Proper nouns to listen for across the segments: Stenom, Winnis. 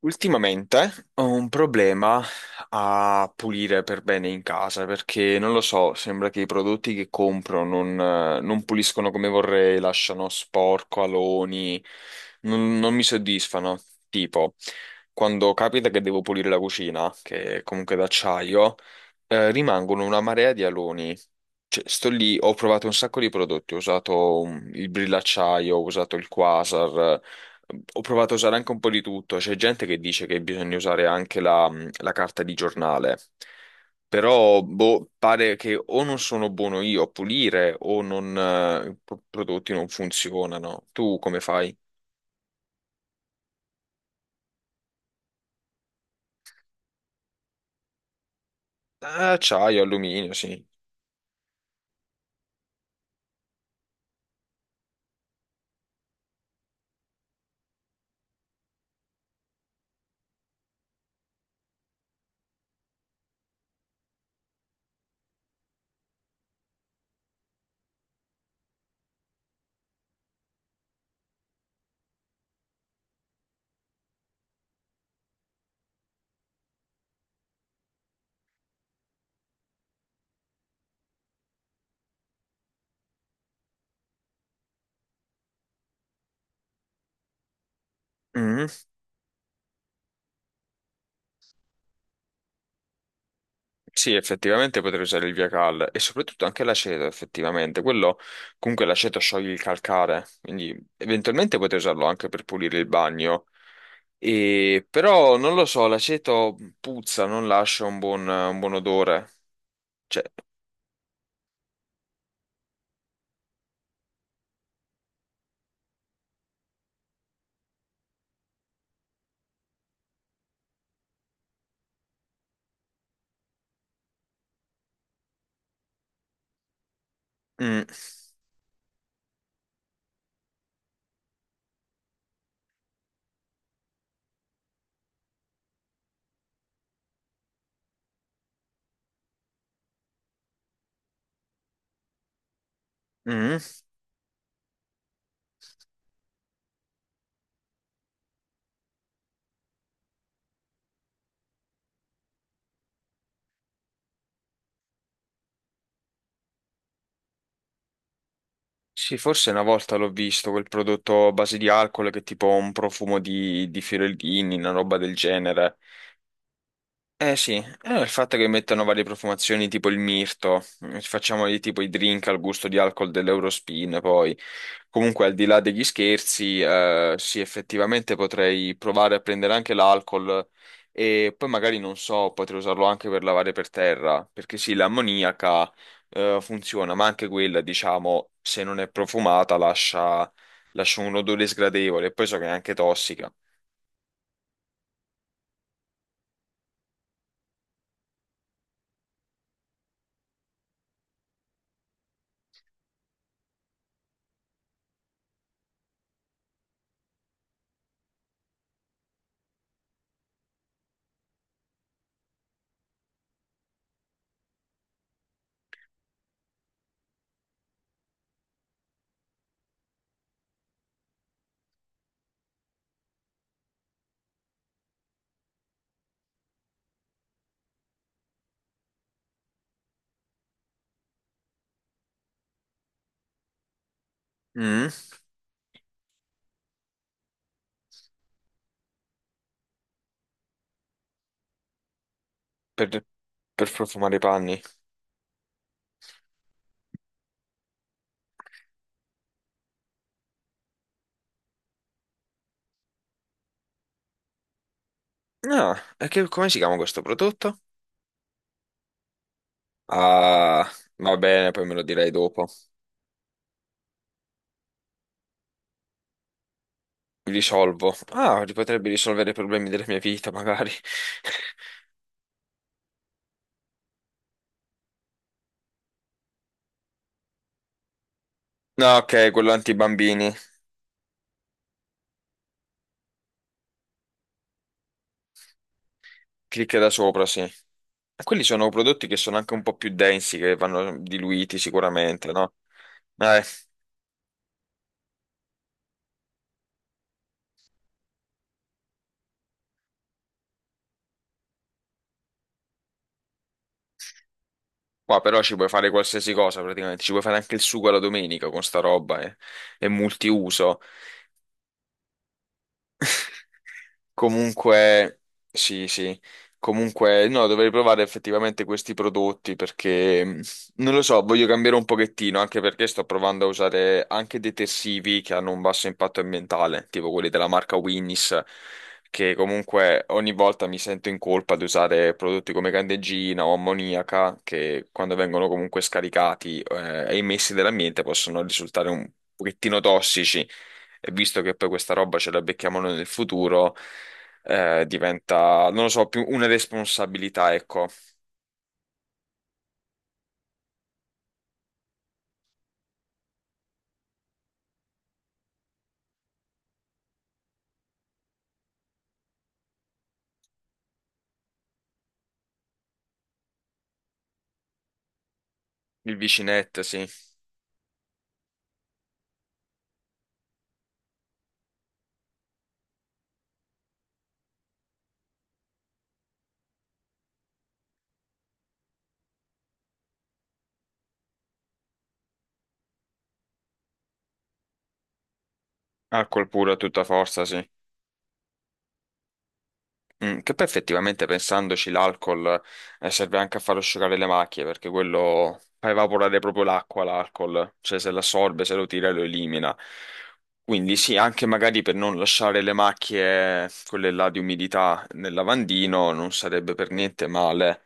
Ultimamente ho un problema a pulire per bene in casa perché non lo so, sembra che i prodotti che compro non puliscono come vorrei, lasciano sporco, aloni, non mi soddisfano. Tipo, quando capita che devo pulire la cucina, che è comunque d'acciaio, rimangono una marea di aloni. Cioè, sto lì, ho provato un sacco di prodotti, ho usato il brillacciaio, ho usato il quasar, ho provato a usare anche un po' di tutto. C'è gente che dice che bisogna usare anche la carta di giornale, però boh, pare che o non sono buono io a pulire o non, i prodotti non funzionano. Tu come fai? Ah, acciaio, alluminio, sì. Mm. Sì, effettivamente potrei usare il via cal e soprattutto anche l'aceto, effettivamente. Quello, comunque l'aceto scioglie il calcare, quindi eventualmente potrei usarlo anche per pulire il bagno. E, però non lo so, l'aceto puzza, non lascia un un buon odore. Cioè, mm, mm. Sì, forse una volta l'ho visto, quel prodotto a base di alcol che è tipo un profumo di fiorellini, una roba del genere. Eh sì, il fatto che mettono varie profumazioni tipo il mirto, facciamo di tipo i drink al gusto di alcol dell'Eurospin, poi comunque al di là degli scherzi, sì effettivamente potrei provare a prendere anche l'alcol e poi magari non so, potrei usarlo anche per lavare per terra, perché sì, l'ammoniaca funziona, ma anche quella diciamo se non è profumata lascia un odore sgradevole, e poi so che è anche tossica. Mm, per per profumare i panni. No, come si chiama questo prodotto? Ah, va bene, poi me lo direi dopo. Risolvo. Ah, li potrebbe risolvere i problemi della mia vita, magari. No, ok, quello anti-bambini. Clicca da sopra, sì. E quelli sono prodotti che sono anche un po' più densi, che vanno diluiti sicuramente, no? Eh, qua però ci puoi fare qualsiasi cosa praticamente, ci puoi fare anche il sugo alla domenica con sta roba, eh. È multiuso. Comunque, sì, sì, comunque, no, dovrei provare effettivamente questi prodotti perché, non lo so, voglio cambiare un pochettino, anche perché sto provando a usare anche detersivi che hanno un basso impatto ambientale, tipo quelli della marca Winnis, che comunque ogni volta mi sento in colpa di usare prodotti come candeggina o ammoniaca, che quando vengono comunque scaricati, e emessi nell'ambiente possono risultare un pochettino tossici. E visto che poi questa roba ce la becchiamo noi nel futuro, diventa, non lo so, più una responsabilità, ecco. Il vicinetto, sì. Alcol puro a tutta forza, sì. Mm, che poi effettivamente pensandoci l'alcol serve anche a far asciugare le macchie, perché quello fa evaporare proprio l'acqua, l'alcol. Cioè se l'assorbe, se lo tira, lo elimina. Quindi sì, anche magari per non lasciare le macchie, quelle là di umidità nel lavandino, non sarebbe per niente male.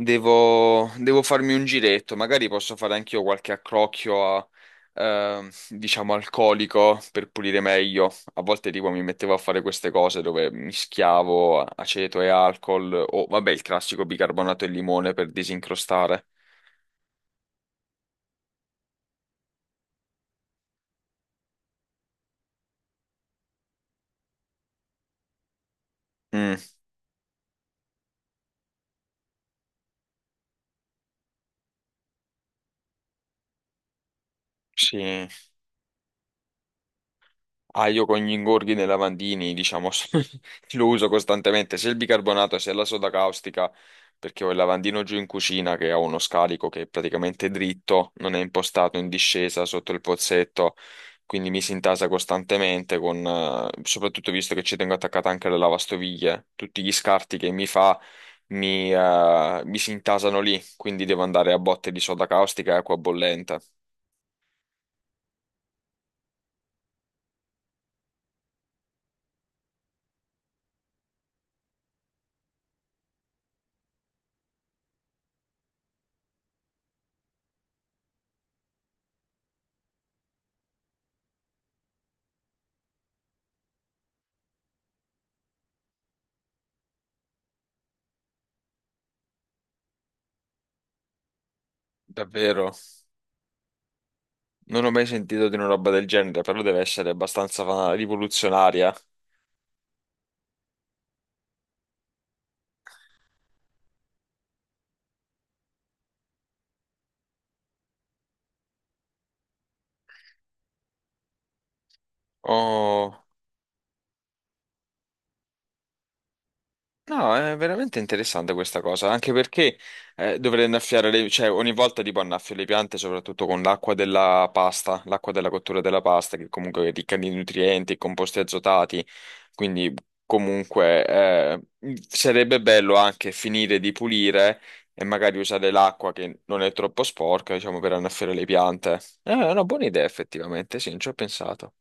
Devo farmi un giretto, magari posso fare anch'io qualche accrocchio a, diciamo, alcolico per pulire meglio. A volte tipo mi mettevo a fare queste cose dove mischiavo aceto e alcol o vabbè il classico bicarbonato e limone per disincrostare. Mm, sì. Ah, io con gli ingorghi nei lavandini, diciamo, lo uso costantemente, sia il bicarbonato sia la soda caustica, perché ho il lavandino giù in cucina che ha uno scarico che è praticamente dritto, non è impostato in discesa sotto il pozzetto, quindi mi si intasa costantemente con, soprattutto visto che ci tengo attaccata anche la lavastoviglie, tutti gli scarti che mi fa mi si intasano lì, quindi devo andare a botte di soda caustica e acqua bollente. Davvero? Non ho mai sentito di una roba del genere, però deve essere abbastanza rivoluzionaria. Ho no, è veramente interessante questa cosa, anche perché dovrei annaffiare le, cioè ogni volta tipo annaffio le piante, soprattutto con l'acqua della pasta, l'acqua della cottura della pasta, che comunque è ricca di nutrienti e composti azotati, quindi comunque sarebbe bello anche finire di pulire e magari usare l'acqua che non è troppo sporca, diciamo, per annaffiare le piante. È una buona idea effettivamente, sì, non ci ho pensato.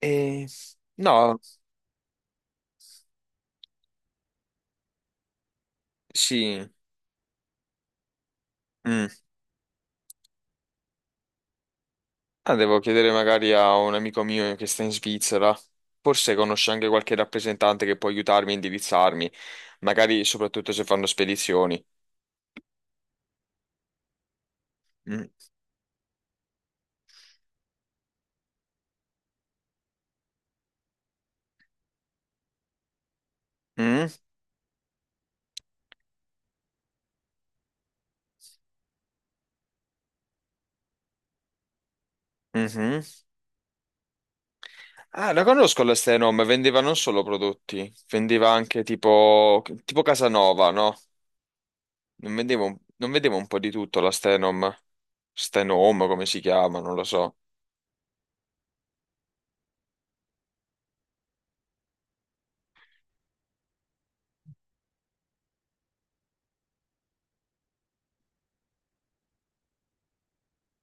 E... No, sì. Mm. Ah, devo chiedere magari a un amico mio che sta in Svizzera. Forse conosce anche qualche rappresentante che può aiutarmi a indirizzarmi, magari soprattutto se fanno spedizioni. Mm. Mm? Mhm. Ah, la conosco la Stenom, vendeva non solo prodotti, vendeva anche tipo, tipo Casanova, no? Non vendeva un po' di tutto la Stenom. Stenom, come si chiama, non lo so.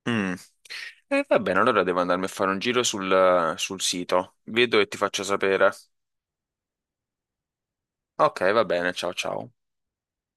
Mm. Va bene, allora devo andarmi a fare un giro sul sito. Vedo e ti faccio sapere. Ok, va bene, ciao ciao.